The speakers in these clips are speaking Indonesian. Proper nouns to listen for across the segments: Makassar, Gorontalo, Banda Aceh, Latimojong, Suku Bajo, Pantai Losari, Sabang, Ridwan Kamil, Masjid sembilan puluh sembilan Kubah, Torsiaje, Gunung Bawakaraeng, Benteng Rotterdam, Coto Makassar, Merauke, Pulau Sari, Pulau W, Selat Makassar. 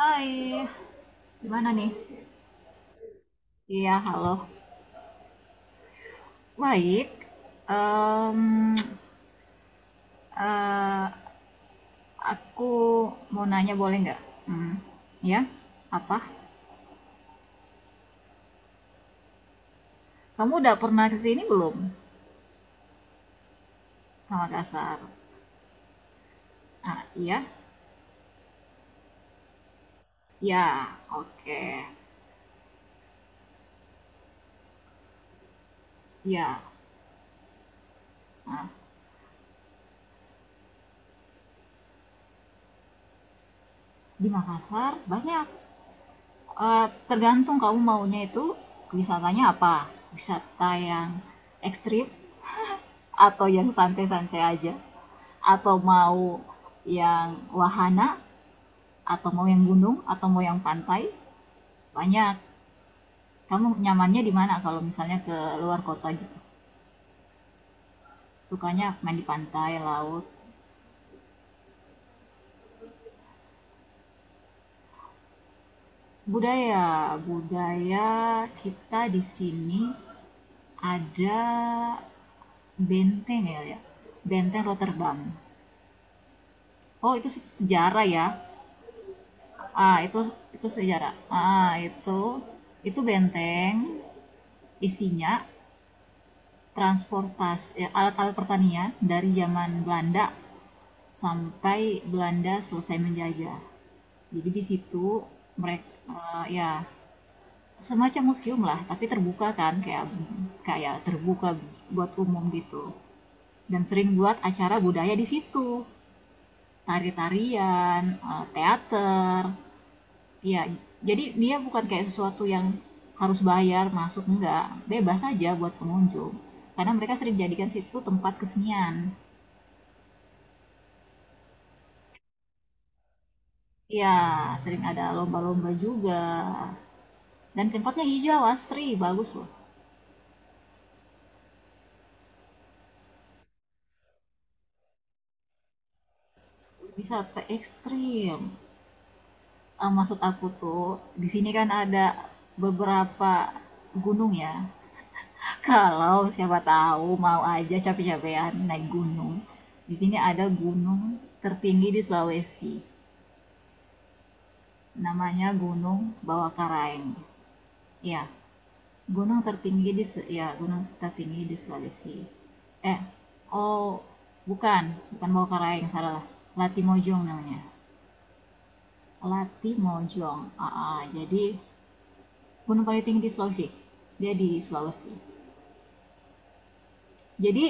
Hai, gimana nih? Iya, halo. Baik. Em, eh, aku mau nanya boleh nggak? Hmm, ya, apa? Kamu udah pernah ke sini belum? Ke Makassar. Ah, iya. Ya, oke. Ya. Nah, di Makassar banyak. Tergantung kamu maunya itu wisatanya apa? Wisata yang ekstrim atau yang santai-santai aja? Atau mau yang wahana, atau mau yang gunung atau mau yang pantai, banyak. Kamu nyamannya di mana kalau misalnya ke luar kota gitu? Sukanya main di pantai laut, budaya. Budaya kita di sini ada benteng, ya, ya, benteng Rotterdam, oh itu sejarah ya, ah itu sejarah, ah itu benteng, isinya transportasi, alat-alat pertanian dari zaman Belanda sampai Belanda selesai menjajah. Jadi di situ mereka, ya, semacam museum lah, tapi terbuka, kan kayak kayak terbuka buat umum gitu. Dan sering buat acara budaya di situ, tari-tarian, teater. Ya, jadi dia bukan kayak sesuatu yang harus bayar masuk, enggak, bebas aja buat pengunjung, karena mereka sering jadikan situ tempat kesenian. Iya, sering ada lomba-lomba juga. Dan tempatnya hijau, asri, bagus loh. Wisata ekstrim. Maksud aku tuh, di sini kan ada beberapa gunung ya. Kalau siapa tahu mau aja capek-capekan naik gunung. Di sini ada gunung tertinggi di Sulawesi. Namanya Gunung Bawakaraeng. Iya, gunung tertinggi di se, ya, gunung tertinggi di Sulawesi. Eh, oh bukan, bukan Bawakaraeng, salah. Latimojong namanya. Latimojong. Jadi gunung paling tinggi di Sulawesi. Dia di Sulawesi. Jadi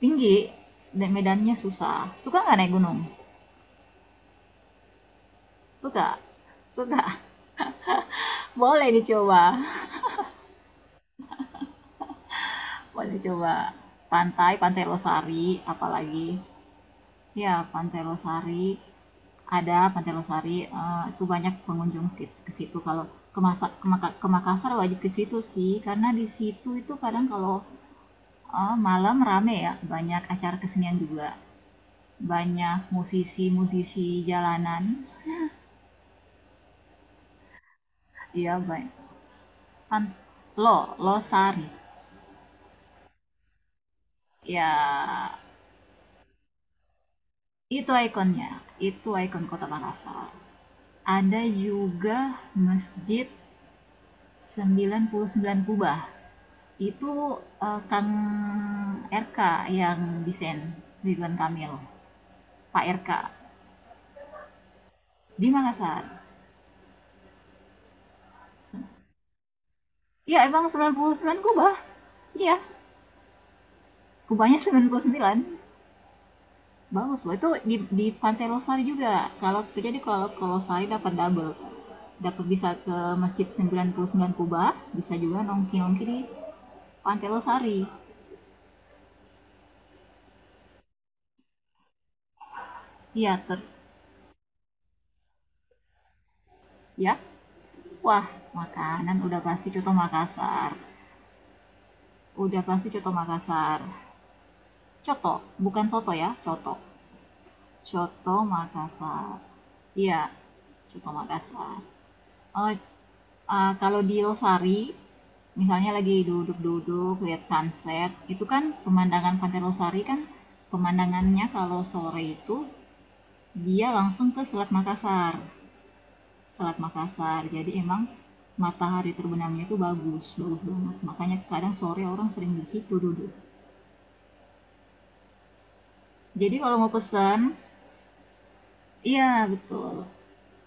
tinggi, dan medannya susah. Suka nggak naik gunung? Suka. Suka. Boleh dicoba. Boleh coba pantai, Pantai Losari apalagi, ya Pantai Losari. Ada Pantai Losari, itu banyak pengunjung ke situ. Kalau ke Masa ke Maka ke Makassar wajib ke situ sih, karena di situ itu kadang kalau, malam rame ya, banyak acara kesenian juga. Banyak musisi-musisi jalanan, ya, ban pan Lo Losari. Ya, itu ikonnya, itu ikon Kota Makassar. Ada juga Masjid 99 Kubah. Itu, Kang RK yang desain, Ridwan Kamil, Pak RK, di Makassar. Iya emang 99 kubah, iya, kubahnya 99, bagus loh, itu di Pantai Losari juga, kalau jadi kalau ke Losari dapat double, dapat bisa ke Masjid 99 Kubah, bisa juga nongki-nongki di Pantai Losari. Iya ya, wah, makanan udah pasti coto Makassar, udah pasti coto Makassar. Coto, bukan soto ya, coto. Coto Makassar. Iya, coto Makassar. Oh, kalau di Losari, misalnya lagi duduk-duduk lihat sunset, itu kan pemandangan Pantai Losari kan, pemandangannya kalau sore itu dia langsung ke Selat Makassar. Selat Makassar. Jadi emang matahari terbenamnya itu bagus, bagus banget. Makanya kadang sore orang sering di situ duduk. Jadi kalau mau pesan. Iya, betul.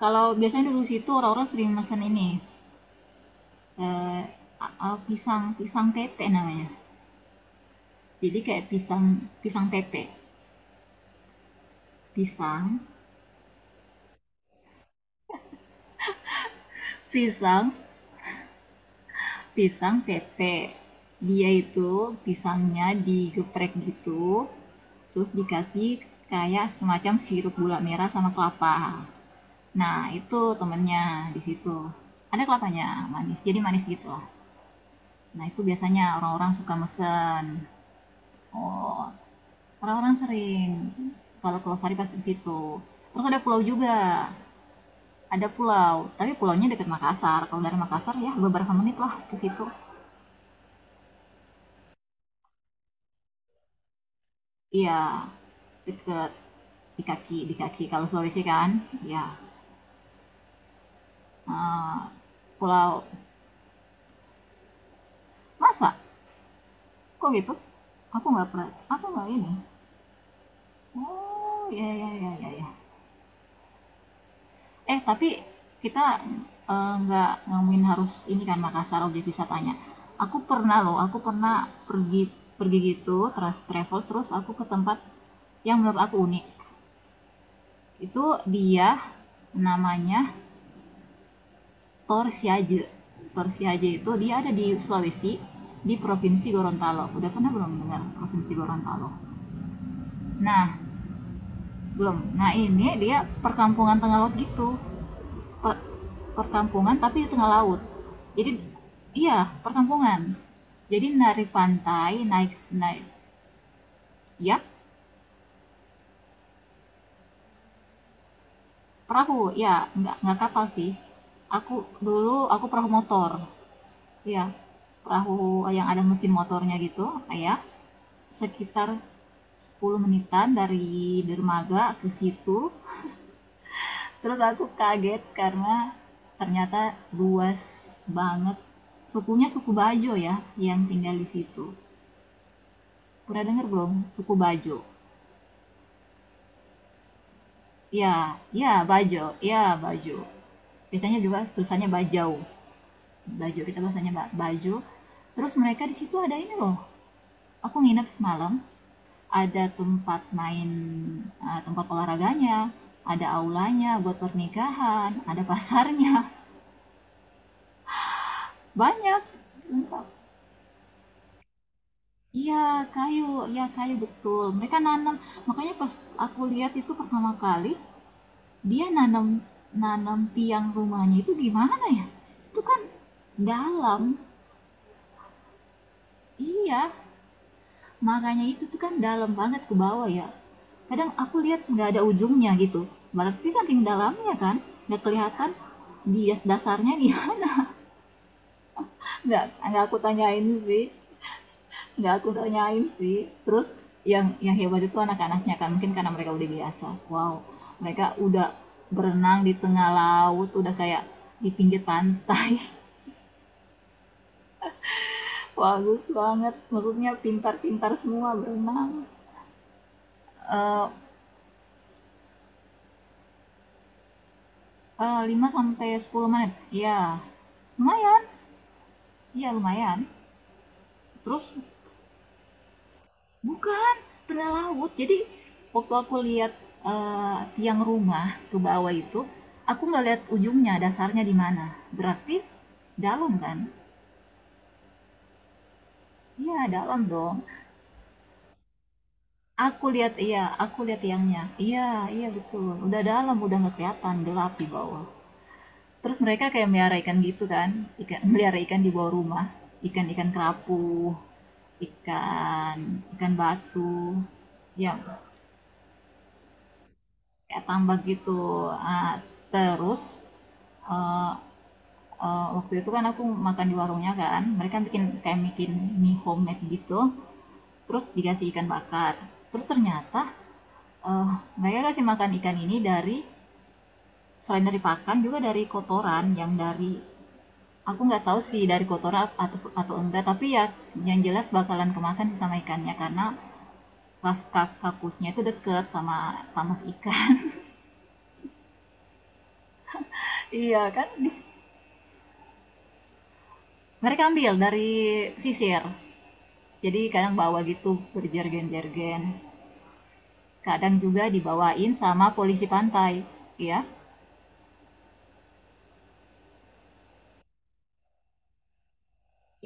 Kalau biasanya dulu situ orang-orang sering mesen ini, eee, a a pisang pisang tepe namanya. Jadi kayak pisang, pisang tepe, pisang pisang pisang tepe. Dia itu pisangnya digeprek gitu, terus dikasih kayak semacam sirup gula merah sama kelapa. Nah, itu temennya di situ. Ada kelapanya, manis, jadi manis gitulah. Nah, itu biasanya orang-orang suka mesen. Oh. Orang-orang sering. Kalau Pulau Sari pasti ke situ. Terus ada pulau juga. Ada pulau, tapi pulaunya dekat Makassar. Kalau dari Makassar ya beberapa menit lah ke situ. Iya, deket di kaki, di kaki. Kalau Sulawesi kan, ya, eh, pulau, masa kok gitu? Aku nggak pernah, aku nggak ini. Oh, ya, ya, ya, ya, ya. Tapi kita, nggak ngomongin harus ini kan Makassar objek wisatanya. Aku pernah loh, aku pernah pergi pergi gitu travel, terus aku ke tempat yang menurut aku unik. Itu dia namanya Torsiaje. Torsiaje itu dia ada di Sulawesi, di Provinsi Gorontalo. Udah pernah belum dengar Provinsi Gorontalo? Nah, belum. Nah, ini dia perkampungan tengah laut gitu. per- perkampungan tapi di tengah laut. Jadi iya, perkampungan. Jadi dari pantai naik, naik, ya, perahu, ya, nggak kapal sih. Aku dulu aku perahu motor. Ya, perahu yang ada mesin motornya gitu, ya. Sekitar 10 menitan dari dermaga ke situ. Terus aku kaget karena ternyata luas banget. Sukunya suku Bajo ya, yang tinggal di situ. Udah denger belum? Suku Bajo. Ya, ya Bajo, ya Bajo. Biasanya juga tulisannya Bajau. Bajo, kita bahasanya Bajo. Terus mereka di situ ada ini loh. Aku nginep semalam, ada tempat main, tempat olahraganya, ada aulanya buat pernikahan, ada pasarnya. Banyak. Iya, kayu, ya kayu betul. Mereka nanam. Makanya pas aku lihat itu pertama kali, dia nanam nanam tiang rumahnya itu gimana ya? Itu kan dalam. Iya, makanya itu tuh kan dalam banget ke bawah ya. Kadang aku lihat nggak ada ujungnya gitu. Berarti saking dalamnya kan, nggak kelihatan bias dasarnya dia. Nggak aku tanyain sih, nggak aku tanyain sih. Terus yang hebat itu anak-anaknya kan, mungkin karena mereka udah biasa. Wow, mereka udah berenang di tengah laut, udah kayak di pinggir pantai. Bagus banget, maksudnya pintar-pintar semua berenang. Eh, 5 sampai 10 menit. Ya, lumayan. Ya, lumayan. Terus bukan tengah laut. Jadi waktu aku lihat, tiang rumah ke bawah itu, aku nggak lihat ujungnya, dasarnya di mana. Berarti dalam kan? Iya, dalam dong. Aku lihat iya, aku lihat tiangnya. Iya, iya betul. Udah dalam, udah nggak kelihatan gelap di bawah. Terus mereka kayak melihara ikan gitu kan, ikan, melihara ikan di bawah rumah, ikan-ikan kerapu, ikan ikan batu, ya kayak tambak gitu. Ah, terus eh, waktu itu kan aku makan di warungnya kan, mereka bikin kayak bikin mie homemade gitu, terus dikasih ikan bakar. Terus ternyata, eh, mereka kasih makan ikan ini dari, selain dari pakan juga dari kotoran yang dari, aku nggak tahu sih dari kotoran atau enggak, tapi ya yang jelas bakalan kemakan sih sama ikannya, karena pas kakusnya itu deket sama tamak ikan. Iya kan? Mereka ambil dari sisir. Jadi kadang bawa gitu berjergen-jergen. Kadang juga dibawain sama polisi pantai, ya.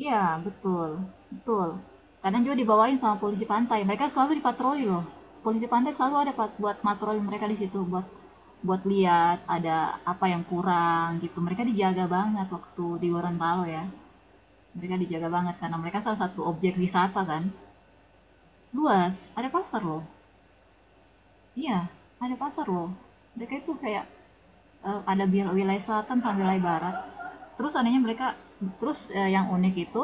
Iya, betul, betul. Kadang juga dibawain sama polisi pantai. Mereka selalu dipatroli loh. Polisi pantai selalu ada Pak, buat patroli mereka di situ, buat buat lihat ada apa yang kurang gitu. Mereka dijaga banget waktu di Gorontalo ya. Mereka dijaga banget karena mereka salah satu objek wisata kan. Luas, ada pasar loh. Iya, ada pasar loh. Mereka itu kayak, ada wilayah selatan sampai wilayah barat. Terus anehnya mereka, terus yang unik itu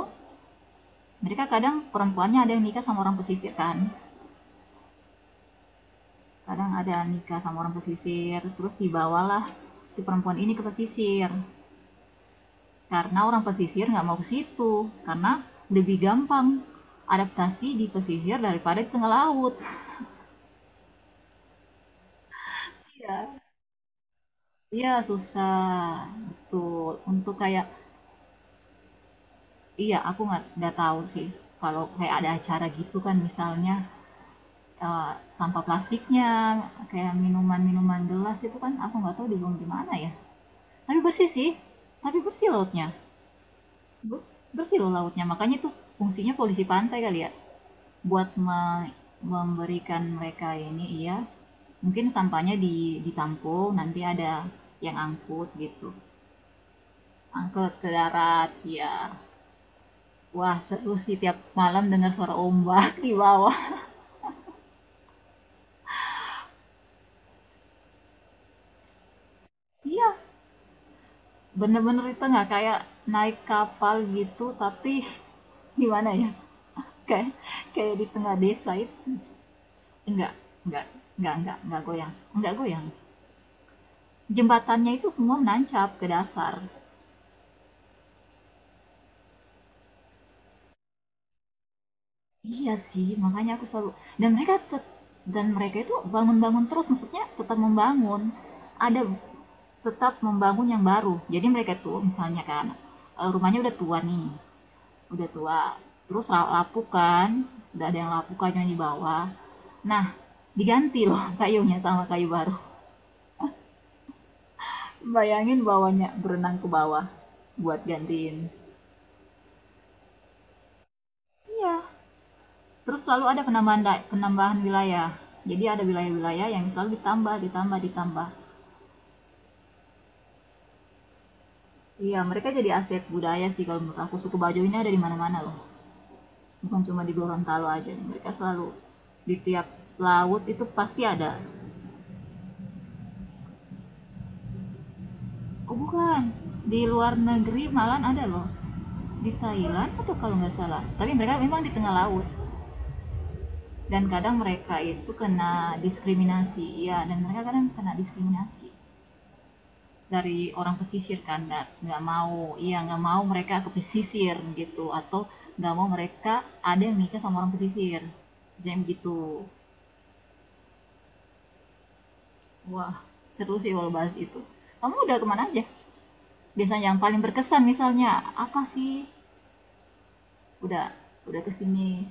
mereka kadang perempuannya ada yang nikah sama orang pesisir kan, kadang ada nikah sama orang pesisir terus dibawalah si perempuan ini ke pesisir, karena orang pesisir nggak mau ke situ karena lebih gampang adaptasi di pesisir daripada di tengah laut. Iya susah betul untuk kayak, iya aku nggak tahu sih kalau kayak ada acara gitu, kan misalnya, eh, sampah plastiknya kayak minuman-minuman gelas itu kan aku nggak tahu dibuang di mana ya. Tapi bersih sih. Tapi bersih lautnya. Bersih loh lautnya. Makanya itu fungsinya polisi pantai kali ya. Buat memberikan mereka ini iya. Mungkin sampahnya ditampung, nanti ada yang angkut gitu. Angkut ke darat, ya. Wah, seru sih tiap malam dengar suara ombak di bawah. Iya, bener-bener itu nggak kayak naik kapal gitu, tapi gimana ya? Kayak kayak di tengah desa itu. Enggak enggak enggak goyang, enggak goyang. Jembatannya itu semua menancap ke dasar. Iya sih, makanya aku selalu, dan mereka dan mereka itu bangun-bangun terus, maksudnya tetap membangun. Ada tetap membangun yang baru. Jadi mereka tuh misalnya kan, rumahnya udah tua nih, udah tua. Terus lapuk kan, udah ada yang lapuk kayunya di bawah. Nah, diganti loh kayunya sama kayu baru. Bayangin bawahnya berenang ke bawah buat gantiin. Iya, terus selalu ada penambahan, penambahan wilayah. Jadi ada wilayah-wilayah yang selalu ditambah, ditambah, ditambah. Iya, mereka jadi aset budaya sih kalau menurut aku. Suku Bajo ini ada di mana-mana loh. Bukan cuma di Gorontalo aja. Mereka selalu di tiap laut itu pasti ada. Oh bukan, di luar negeri malah ada loh. Di Thailand atau kalau nggak salah. Tapi mereka memang di tengah laut. Dan kadang mereka itu kena diskriminasi. Iya, dan mereka kadang kena diskriminasi. Dari orang pesisir kan, nggak mau, iya, nggak mau mereka ke pesisir gitu, atau nggak mau mereka ada yang nikah sama orang pesisir, jam gitu. Wah, seru sih kalau bahas itu. Kamu udah kemana aja? Biasanya yang paling berkesan misalnya apa sih? Udah udah kesini.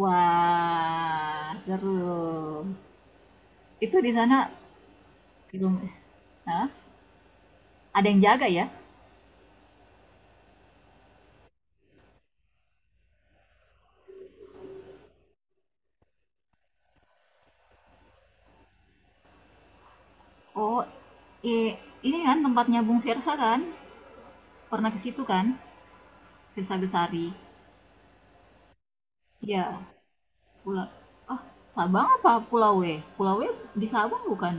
Wah, seru. Itu di sana belum, hah? Ada yang jaga ya? Oh, eh ini kan tempatnya Bung Versa kan? Pernah ke situ kan? Desa Besari. Ya, pulau. Ah, Sabang apa Pulau W? Pulau W di Sabang bukan?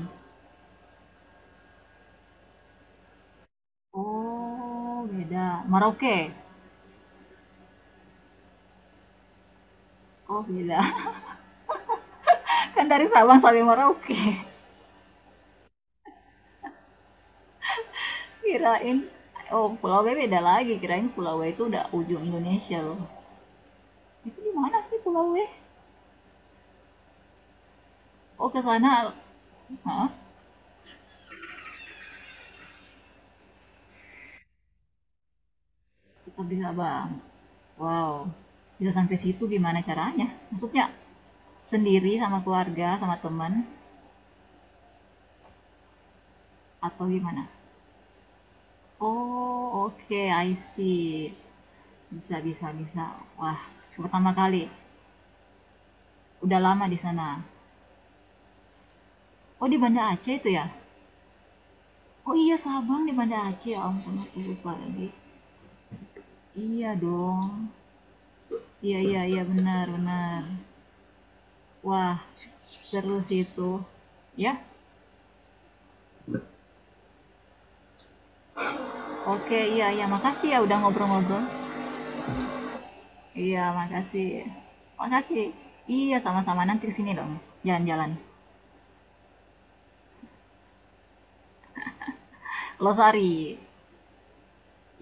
Oh, beda. Merauke. Oh, beda. Kan dari Sabang sampai Merauke. Kirain, oh, Pulau W beda lagi. Kirain Pulau W itu udah ujung Indonesia loh. Itu di mana sih Pulau W? Oh, ke sana. Hah? Tetap di Sabang. Wow. Bisa sampai situ gimana caranya? Maksudnya sendiri sama keluarga, sama teman, atau gimana? Oh, oke, I see. Bisa, bisa, bisa. Wah, pertama kali. Udah lama di sana. Oh, di Banda Aceh itu ya? Oh iya, Sabang di Banda Aceh. Ya ampun, aku lupa lagi. Iya dong. Iya, iya, iya, benar, benar. Wah, seru sih itu. Ya, oke, iya, iya. Makasih ya udah ngobrol-ngobrol. Iya, makasih. Makasih. Iya, sama-sama. Nanti kesini dong. Jalan-jalan. Losari.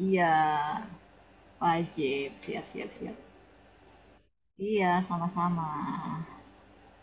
Iya. Wajib, siap, siap, siap. Iya, sama-sama.